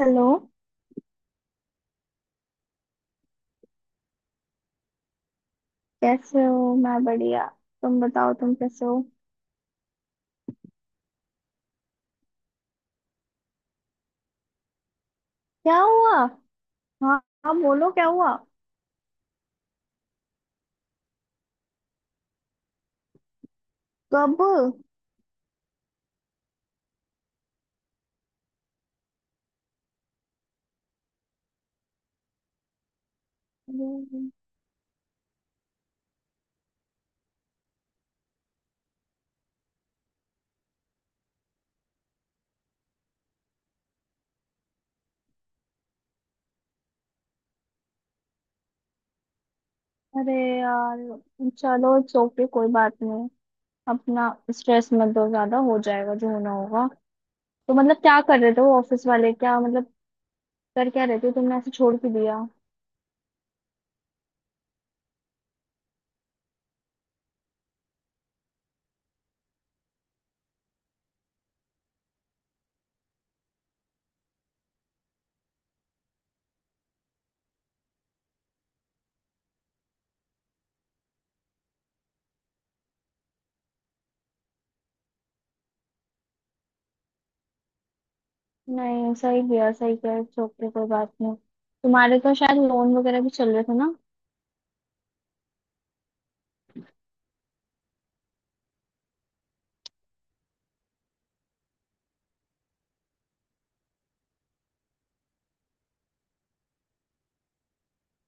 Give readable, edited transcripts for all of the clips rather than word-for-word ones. Hello. कैसे हो? मैं बढ़िया। तुम बताओ, तुम कैसे हो? क्या हुआ? हाँ, हाँ, बोलो क्या हुआ? कब? अरे। अरे यार, चलो इट्स ओके, कोई बात नहीं। अपना स्ट्रेस मत दो, ज्यादा हो जाएगा। जो होना होगा। तो मतलब क्या कर रहे थे वो ऑफिस वाले? क्या मतलब, कर क्या रहे थे? तुमने ऐसे छोड़ के दिया? नहीं, सही किया, सही किया। इट्स ओके, कोई बात नहीं। तुम्हारे तो शायद लोन वगैरह भी चल रहे थे ना?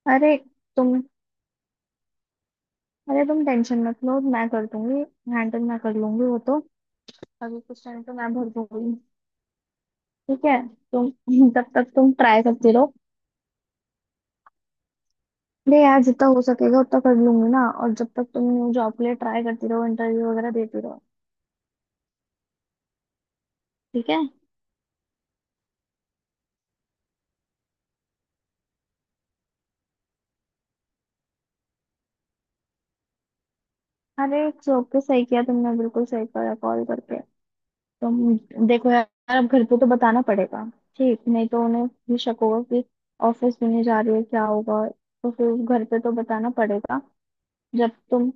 अरे तुम अरे तुम टेंशन मत लो, मैं कर दूंगी। हैंडल मैं कर लूंगी वो तो। अभी कुछ टाइम तो मैं भर दूंगी। ठीक है। तुम तब तक तुम ट्राई करती रहो। नहीं यार, जितना हो सकेगा उतना कर लूंगी ना। और जब तक तुम न्यू जॉब के लिए ट्राई करती रहो, इंटरव्यू वगैरह देती रहो। ठीक है। अरे जॉब पे सही किया तुमने, बिल्कुल सही करा कॉल करके। तुम देखो यार, अब घर पे तो बताना पड़ेगा। ठीक, नहीं तो उन्हें भी शक होगा कि ऑफिस भी नहीं जा रही है, क्या होगा। तो फिर घर पे तो बताना पड़ेगा। जब तुम,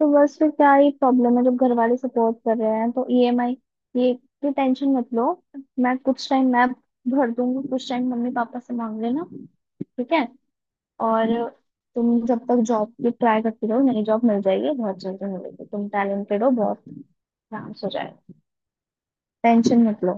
तो बस फिर क्या ही प्रॉब्लम है? जब घर वाले सपोर्ट कर रहे हैं तो ईएमआई, ये की टेंशन मत लो। मैं कुछ टाइम मैं भर दूंगी, कुछ टाइम मम्मी पापा से मांग लेना। ठीक है। और तुम जब तक जॉब की ट्राई करती रहो, नई जॉब मिल जाएगी, बहुत जल्दी मिलेगी। तुम टैलेंटेड हो बहुत, आराम से हो जाएगा। टेंशन मत लो।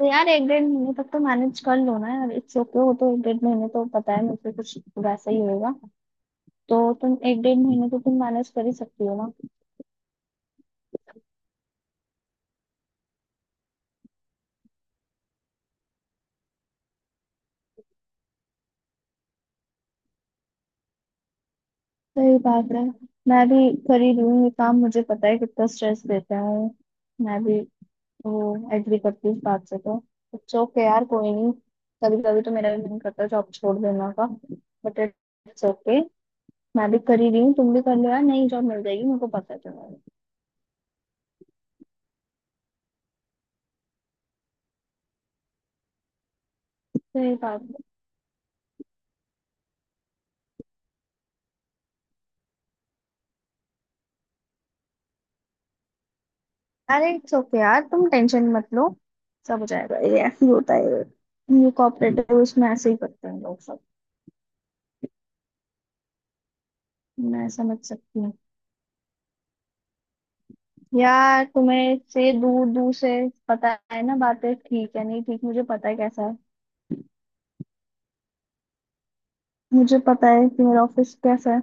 तो यार एक डेढ़ महीने तक तो मैनेज कर लो ना यार। इट्स ओके, वो तो एक डेढ़ महीने तो पता है मुझे, कुछ वैसा ही होगा। तो तुम एक डेढ़ महीने तो तुम मैनेज कर ही सकती हो। सही बात है। मैं भी कर ही रही हूँ ये काम, मुझे पता है कितना स्ट्रेस देता है। मैं भी वो एग्री करती हूँ इस बात से तो। इट्स ओके यार, कोई नहीं। कभी कभी तो मेरा भी मन करता है जॉब छोड़ देना का। बट इट्स ओके, मैं भी कर ही रही हूँ, तुम भी कर लो यार। नई जॉब मिल जाएगी, मेरे को पता है तुम्हारा। सही बात है। अरे इट्स ओके यार, तुम टेंशन मत लो। सब हो जाएगा, ये ऐसे ही होता है। ये कॉपरेटिव उसमें ऐसे ही करते हैं लोग सब। मैं समझ सकती हूँ यार, तुम्हें से दूर दूर से पता है ना बातें, ठीक है नहीं ठीक, मुझे पता है कैसा है। मुझे पता है कि मेरा ऑफिस कैसा है।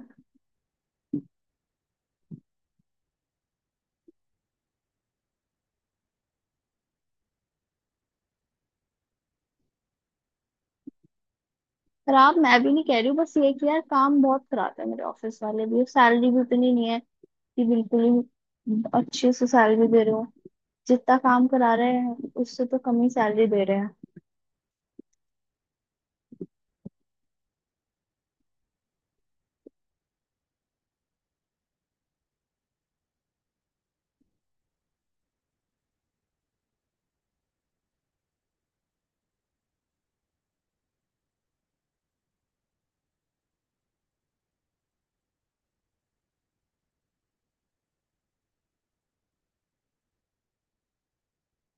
खराब मैं भी नहीं कह रही हूँ, बस ये कि यार काम बहुत खराब है मेरे ऑफिस वाले भी, सैलरी भी उतनी नहीं है। कि बिल्कुल ही अच्छे से सैलरी दे रहे हो, जितना काम करा रहे हैं उससे तो कम ही सैलरी दे रहे हैं।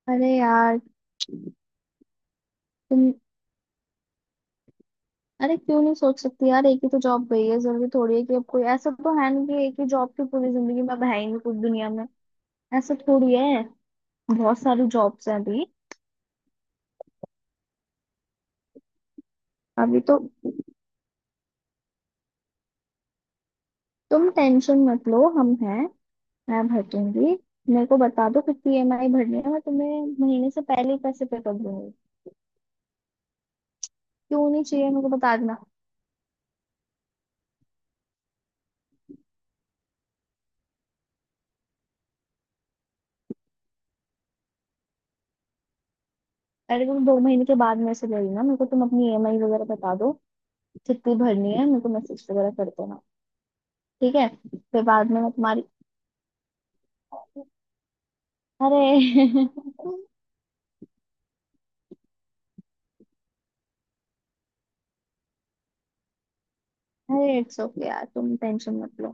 अरे यार, तुम, अरे क्यों नहीं सोच सकती यार? एक ही तो जॉब गई है, जरूरी थोड़ी है कि अब कोई ऐसा तो है नहीं कि एक ही जॉब की पूरी जिंदगी में, अब है ही नहीं कुछ दुनिया में, ऐसा थोड़ी है। बहुत सारी जॉब्स हैं अभी। अभी तो तुम टेंशन मत लो, हम हैं। मैं भर दूंगी, मेरे को बता दो कितनी ईएमआई भरनी है, मैं तुम्हें महीने से पहले ही पैसे पे कर दूंगी। क्यों नहीं चाहिए? मेरे को बता देना। अरे तुम दो महीने के बाद मेरे से ले लेना, मेरे को तुम अपनी ईएमआई वगैरह बता दो कितनी भरनी है, मेरे को मैसेज वगैरह कर देना। ठीक है। फिर बाद में मैं तुम्हारी, अरे अरे इट्स ओके यार, तुम टेंशन मत लो,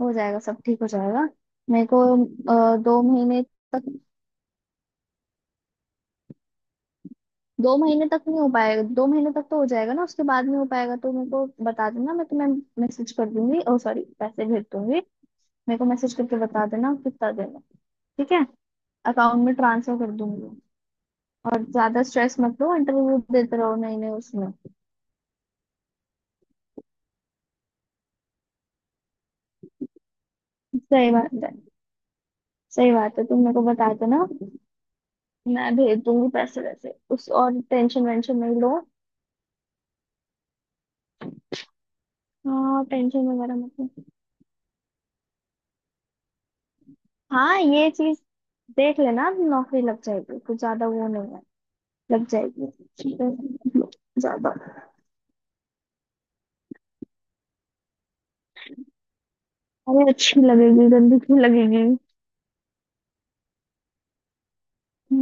हो जाएगा सब, ठीक हो जाएगा। मेरे को दो महीने तक, दो महीने तक नहीं हो पाएगा, दो महीने तक तो हो जाएगा ना, उसके बाद नहीं हो पाएगा तो मेरे को बता देना, मैं तुम्हें मैसेज कर दूंगी। ओ सॉरी, पैसे भेज दूंगी। मेरे को मैसेज करके बता देना कितना देना। ठीक है, अकाउंट में ट्रांसफर कर दूंगी। और ज्यादा स्ट्रेस मत लो, इंटरव्यू देते रहो। नहीं नहीं उसमें, सही बात है, सही बात है। तुम मेरे को बता देना, मैं भेज दूंगी पैसे वैसे उस, और टेंशन वेंशन नहीं लो। हाँ टेंशन वगैरह मत लो। हाँ ये चीज देख लेना, नौकरी लग जाएगी, कुछ ज्यादा वो नहीं है। लग जाएगी, ठीक है। ज्यादा, अरे अच्छी लगेगी, गंदी क्यों लगेगी?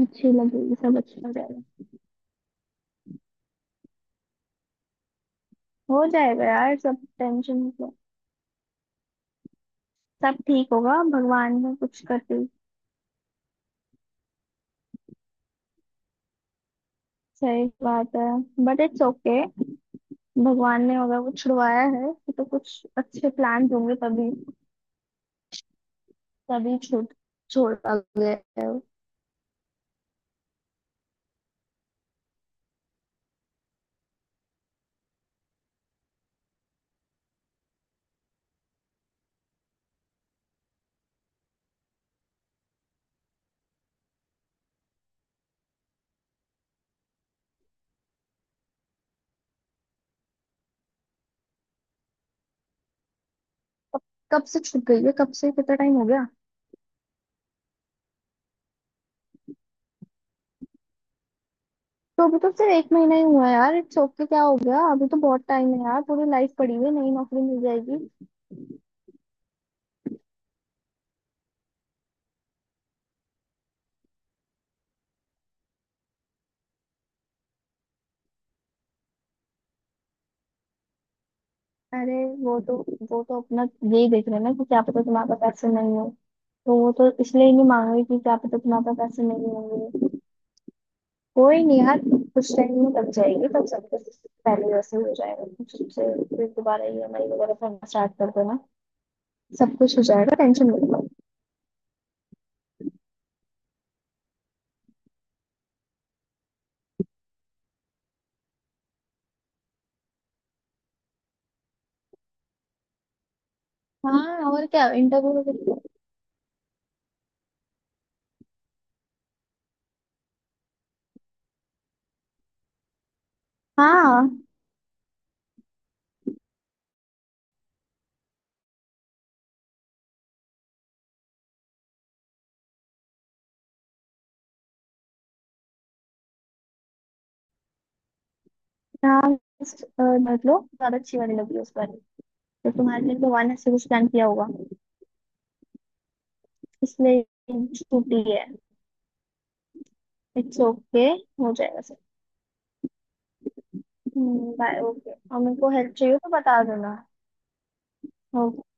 अच्छी लगेगी, सब अच्छा हो जाएगा। हो जाएगा यार सब, टेंशन मतलब, सब ठीक होगा। भगवान ने कुछ करती, सही बात है। बट इट्स ओके, भगवान ने अगर कुछ छुड़वाया है तो कुछ अच्छे प्लान होंगे तभी। तभी छूट छोड़ गया है। कब कब से छूट गई है? कब से, कितना टाइम हो गया? तो अभी तो सिर्फ एक महीना ही हुआ है यार, इट्स ओके, क्या हो गया? अभी तो बहुत टाइम है यार, पूरी लाइफ पड़ी हुई है, नई नौकरी मिल जाएगी। अरे वो तो अपना यही देख रहे हैं ना, कि क्या पता तुम्हारे पास पैसे नहीं हो, तो वो तो इसलिए ही नहीं मांग रही कि क्या पता तुम्हारे पास पैसे नहीं होंगे। कोई नहीं यार, कुछ टाइम में लग जाएगी, तब सब कुछ पहले जैसे हो जाएगा फिर से। फिर दोबारा EMI वगैरह भरना स्टार्ट कर देना, सब कुछ हो जाएगा। टेंशन मत लो। हाँ, और क्या, इंटरव्यू वगैरह। हाँ, हाँ। मतलब ज्यादा अच्छी वाली लगी उस पर, तो तुम्हारे लिए भगवान ने सब कुछ प्लान किया होगा इसलिए छुट्टी है। इट्स ओके, हो जाएगा सब। Bye, okay. और मेरे को हेल्प चाहिए तो बता देना। Okay.